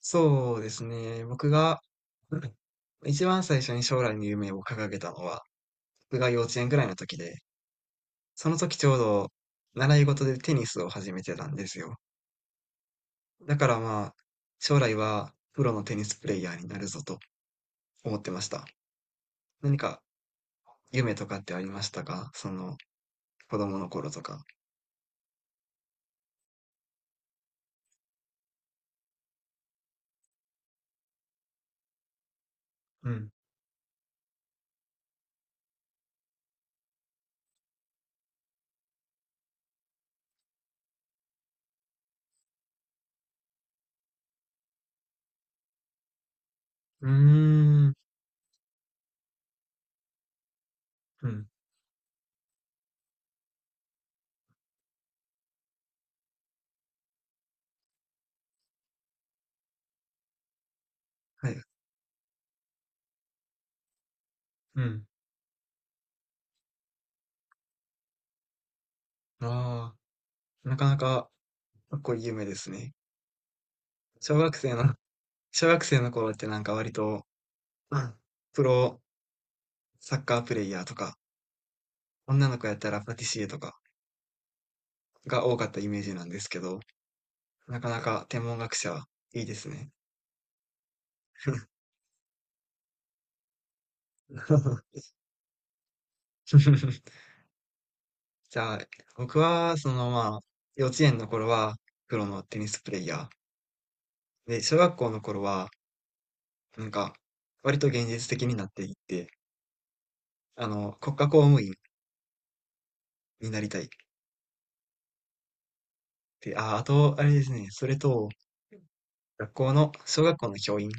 そうですね。僕が、うん。一番最初に将来の夢を掲げたのは、僕が幼稚園ぐらいの時で、その時ちょうど習い事でテニスを始めてたんですよ。だからまあ、将来はプロのテニスプレイヤーになるぞと思ってました。何か夢とかってありましたか？その子供の頃とか。うん。うーん。うん。はい。うん。ああ、なかなかかっこいい夢ですね。小学生の、小学生の頃ってなんか割と、うん。プロサッカープレイヤーとか、女の子やったらパティシエとかが多かったイメージなんですけど、なかなか天文学者いいですね。じゃあ、僕は、そのまあ、幼稚園の頃はプロのテニスプレイヤー。で、小学校の頃は、なんか、割と現実的になっていって、国家公務員になりたい。で、あと、あれですね、それと、学校の、小学校の教員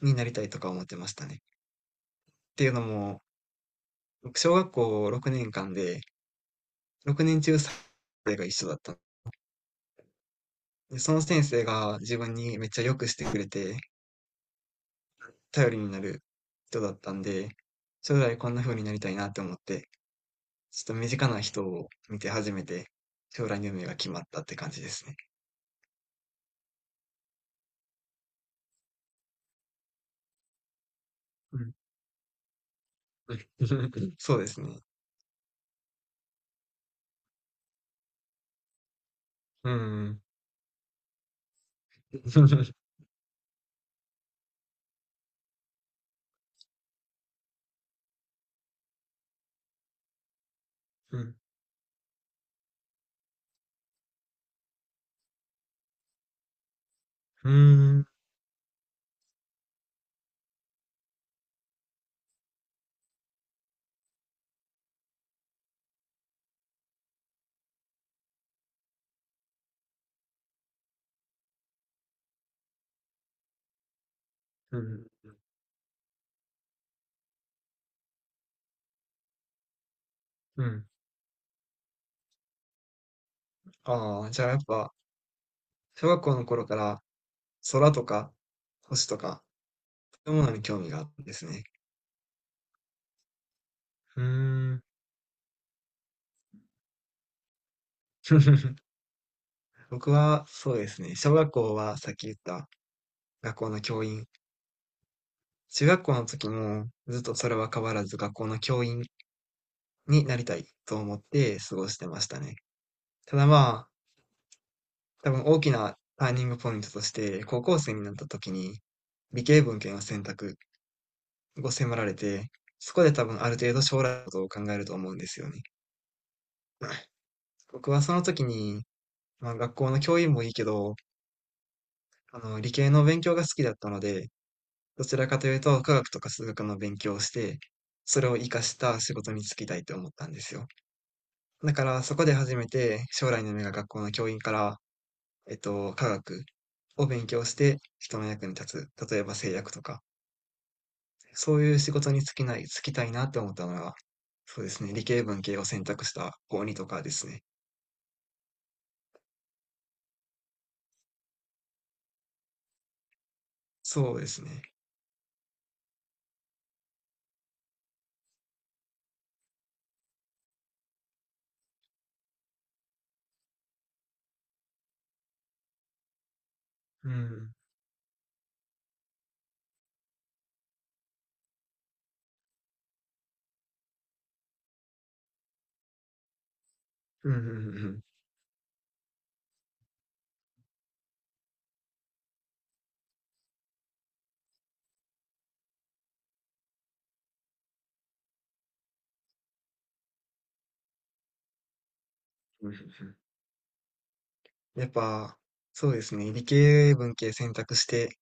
になりたいとか思ってましたね。っていうのも、僕、小学校6年間で、6年中3生が一緒だったの。で、その先生が自分にめっちゃ良くしてくれて、頼りになる人だったんで、将来こんな風になりたいなって思って、ちょっと身近な人を見て初めて、将来の夢が決まったって感じですね。うん。うん そうですね。うん。うん。うん。うん。うん。ああ、じゃあやっぱ、小学校の頃から空とか星とか、そういうものに興味があったんですね。うーん。僕は、そうですね。小学校はさっき言った学校の教員。中学校の時もずっとそれは変わらず学校の教員になりたいと思って過ごしてましたね。ただまあ、多分大きなターニングポイントとして、高校生になった時に理系文献を選択を迫られて、そこで多分ある程度将来のことを考えると思うんですよね。僕はその時に、まあ、学校の教員もいいけど、理系の勉強が好きだったので、どちらかというと科学とか数学の勉強をして、それを活かした仕事に就きたいと思ったんですよ。だからそこで初めて将来の夢が学校の教員から、科学を勉強して人の役に立つ。例えば製薬とか、そういう仕事に就きない、就きたいなって思ったのが、そうですね、理系文系を選択した高にとかですね。そうですね。うん。うんうんうんうん。うんうんうん、やっぱ、そうですね。理系文系選択して、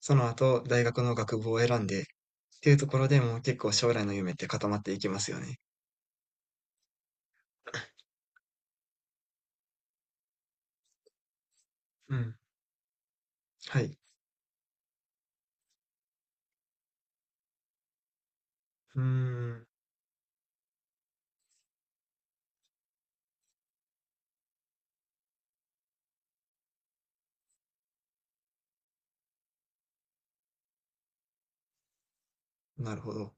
その後大学の学部を選んで、っていうところでもう結構将来の夢って固まっていきますよね。うん。はい。うーん。なるほど。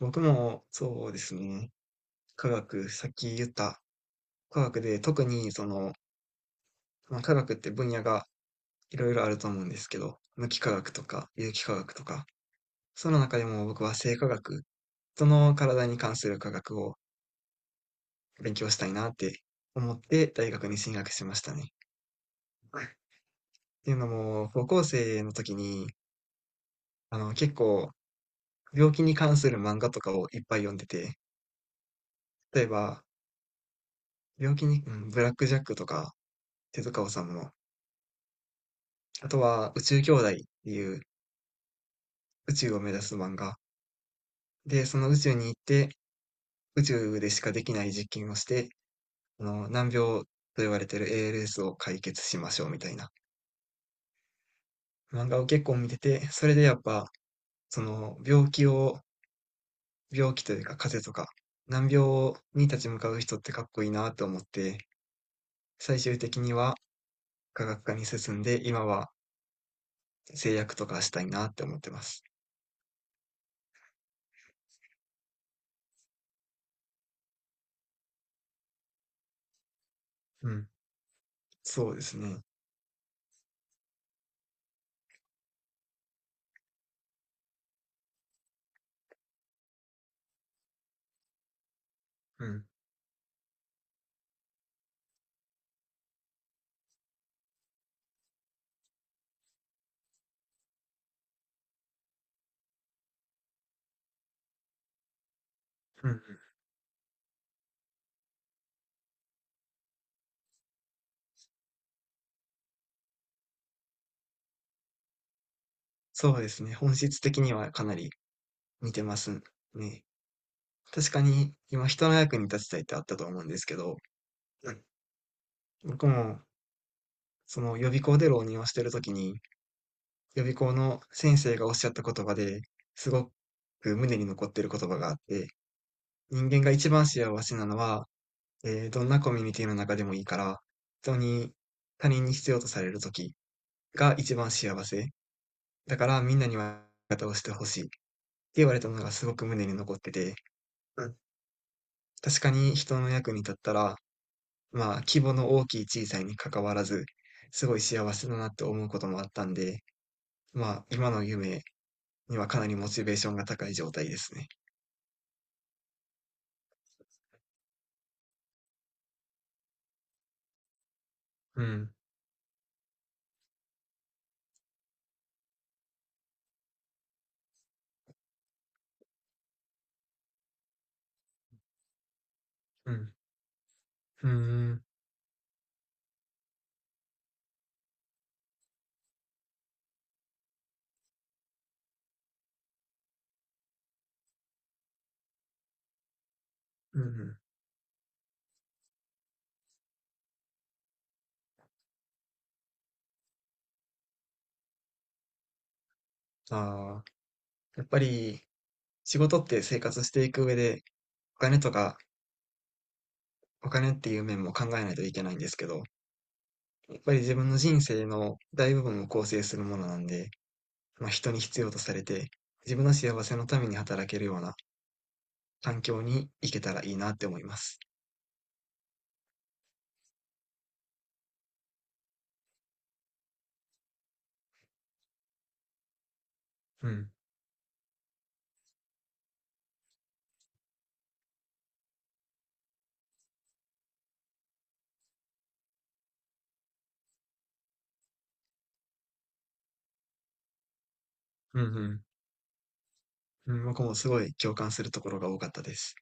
僕もそうですね。科学、さっき言った科学で特にその、まあ、科学って分野がいろいろあると思うんですけど、無機化学とか有機化学とか、その中でも僕は生化学、人の体に関する科学を勉強したいなって思って大学に進学しましたね。っていうのも、高校生の時に、結構、病気に関する漫画とかをいっぱい読んでて、例えば、病気に、うん、ブラックジャックとか、手塚治虫の、あとは、宇宙兄弟っていう宇宙を目指す漫画。で、その宇宙に行って、宇宙でしかできない実験をして、難病と言われてる ALS を解決しましょうみたいな漫画を結構見てて、それでやっぱ、その病気を病気というか風邪とか、難病に立ち向かう人ってかっこいいなと思って、最終的には科学科に進んで、今は製薬とかしたいなって思ってます。うん、そうですね。うん、うん、そうですね。本質的にはかなり似てますね。確かに今人の役に立ちたいってあったと思うんですけど、うん、僕もその予備校で浪人をしてる時に、予備校の先生がおっしゃった言葉ですごく胸に残ってる言葉があって、人間が一番幸せなのは、どんなコミュニティの中でもいいから、人に、他人に必要とされる時が一番幸せ。だからみんなには味方をしてほしいって言われたのがすごく胸に残ってて、うん、確かに人の役に立ったら、まあ規模の大きい小さいに関わらず、すごい幸せだなって思うこともあったんで、まあ今の夢にはかなりモチベーションが高い状態ですね。うん、うん、うん、うん、うん。ああ、やっぱり仕事って生活していく上で、お金とか、お金っていう面も考えないといけないんですけど、やっぱり自分の人生の大部分を構成するものなんで、まあ、人に必要とされて、自分の幸せのために働けるような環境に行けたらいいなって思います。うん。うんうん。うん、僕もすごい共感するところが多かったです。